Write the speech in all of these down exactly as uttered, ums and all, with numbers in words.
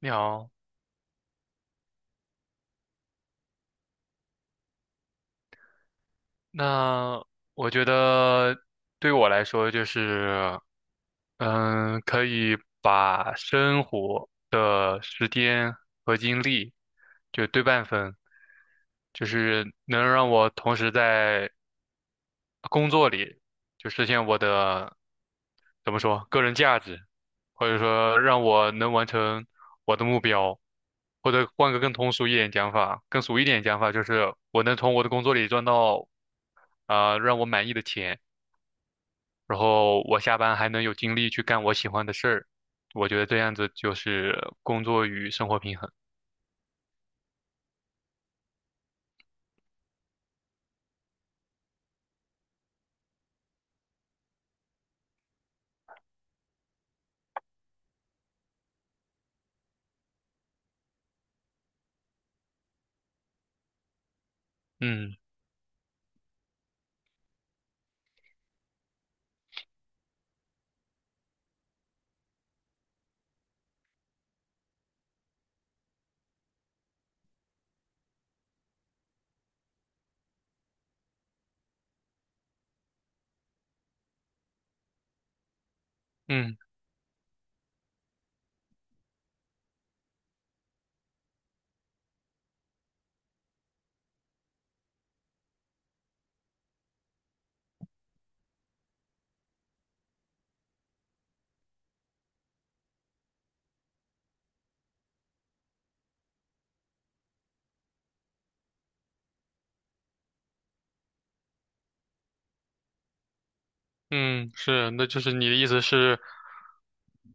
你好，那我觉得对我来说就是，嗯，可以把生活的时间和精力就对半分，就是能让我同时在工作里就实现我的，怎么说，个人价值，或者说让我能完成我的目标，或者换个更通俗一点讲法，更俗一点讲法就是我能从我的工作里赚到啊、呃让我满意的钱，然后我下班还能有精力去干我喜欢的事儿，我觉得这样子就是工作与生活平衡。嗯嗯。嗯，是，那就是你的意思是，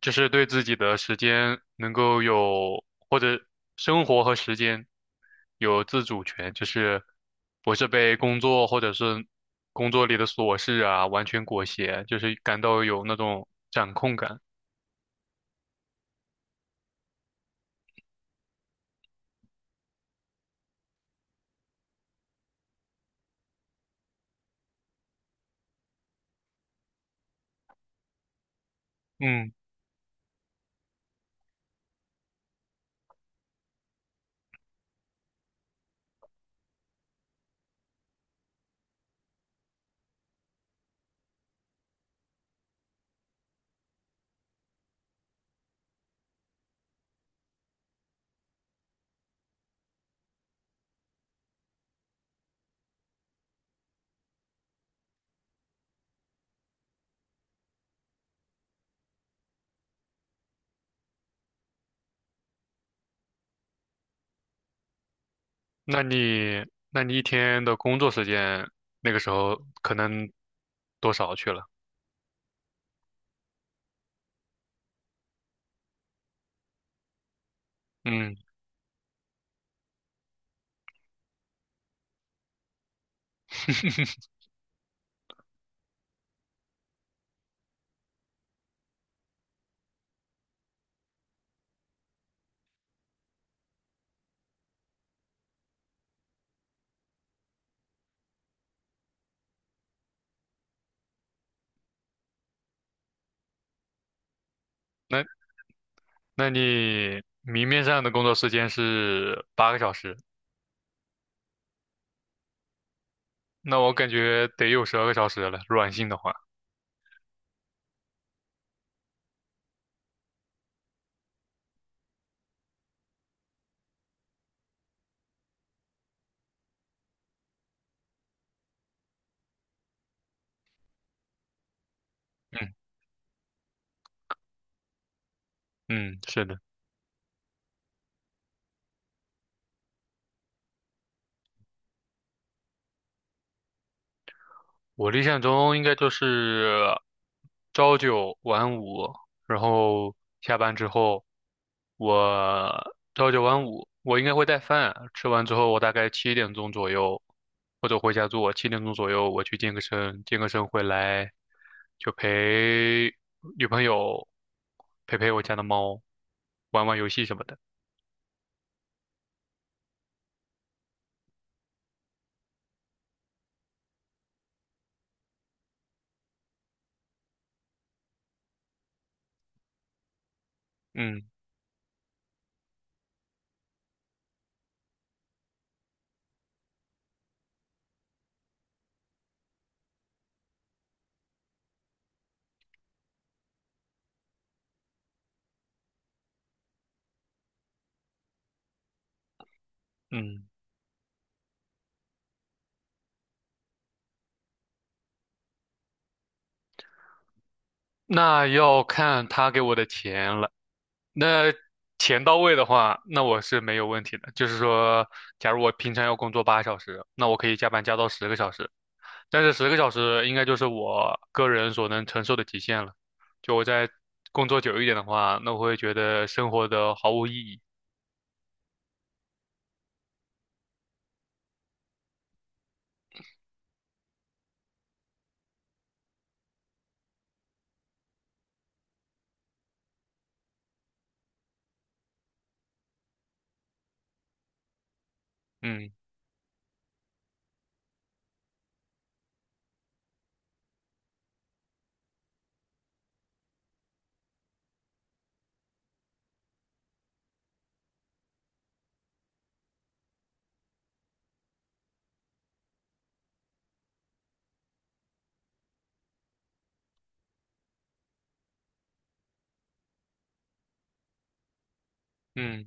就是对自己的时间能够有，或者生活和时间有自主权，就是不是被工作或者是工作里的琐事啊完全裹挟，就是感到有那种掌控感。嗯，那你那你一天的工作时间那个时候可能多少去了？嗯，那那你明面上的工作时间是八个小时。那我感觉得有十二个小时了，软性的话，嗯嗯，是的，我理想中应该就是朝九晚五，然后下班之后，我朝九晚五，我应该会带饭，吃完之后我大概七点钟左右，或者回家做，七点钟左右我去健个身，健个身回来就陪女朋友陪陪我家的猫，玩玩游戏什么的，嗯嗯。那要看他给我的钱了。那钱到位的话，那我是没有问题的。就是说，假如我平常要工作八小时，那我可以加班加到十个小时，但是十个小时应该就是我个人所能承受的极限了。就我在工作久一点的话，那我会觉得生活的毫无意义。嗯嗯。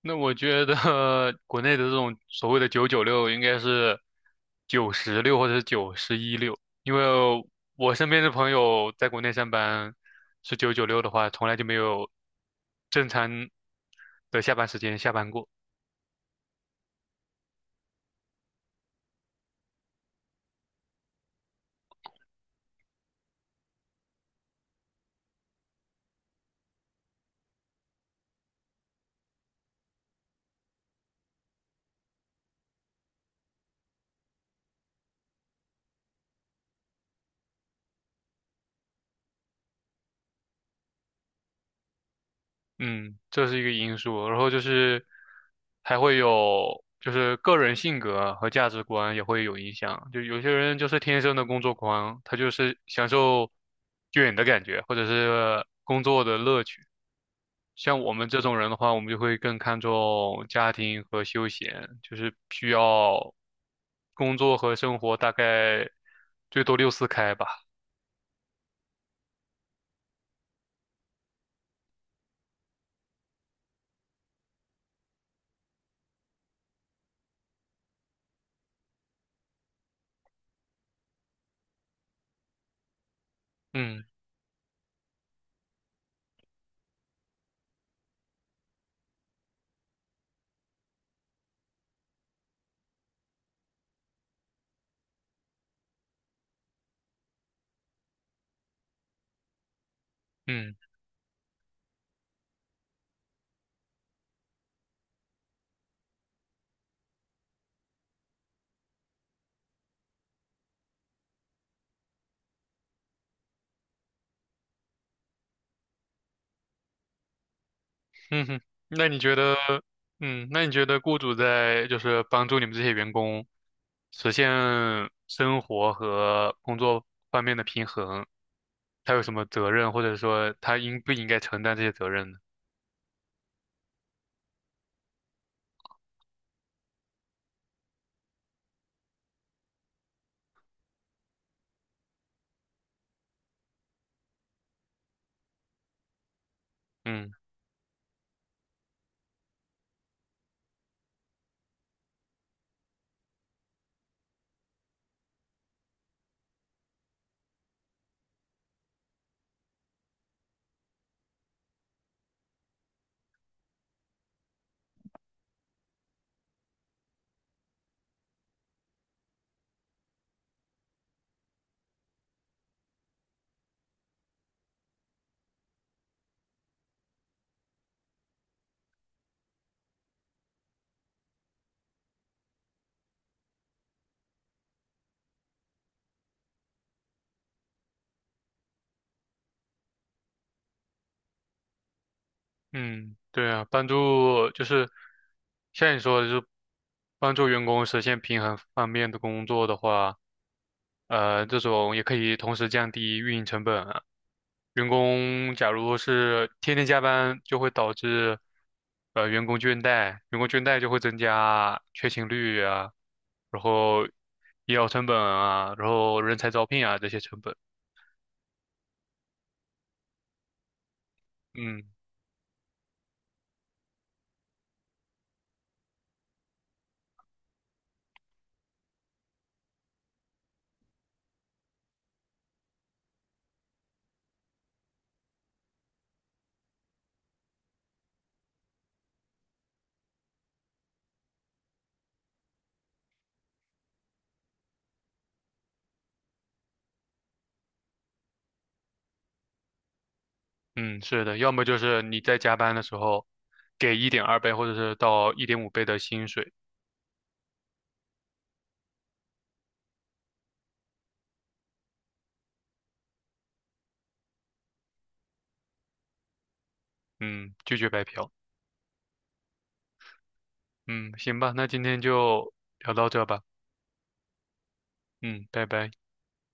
那我觉得 国内的这种所谓的九九六应该是九十六或者是九十一六，因为我身边的朋友在国内上班是九九六的话，从来就没有正常的下班时间下班过。嗯，这是一个因素。然后就是还会有就是个人性格和价值观也会有影响。就有些人就是天生的工作狂，他就是享受卷的感觉，或者是工作的乐趣。像我们这种人的话，我们就会更看重家庭和休闲，就是需要工作和生活大概最多六四开吧。嗯嗯嗯哼，那你觉得，嗯，那你觉得雇主在就是帮助你们这些员工实现生活和工作方面的平衡，他有什么责任，或者说他应不应该承担这些责任呢？嗯。嗯，对啊，帮助就是像你说的，就是帮助员工实现平衡方面的工作的话，呃，这种也可以同时降低运营成本啊。员工假如是天天加班，就会导致呃员工倦怠，员工倦怠就会增加缺勤率啊，然后医疗成本啊，然后人才招聘啊这些成本。嗯。嗯，是的，要么就是你在加班的时候给一点二倍或者是到一点五倍的薪水，嗯，拒绝白嫖。嗯，行吧，那今天就聊到这吧，嗯，拜拜。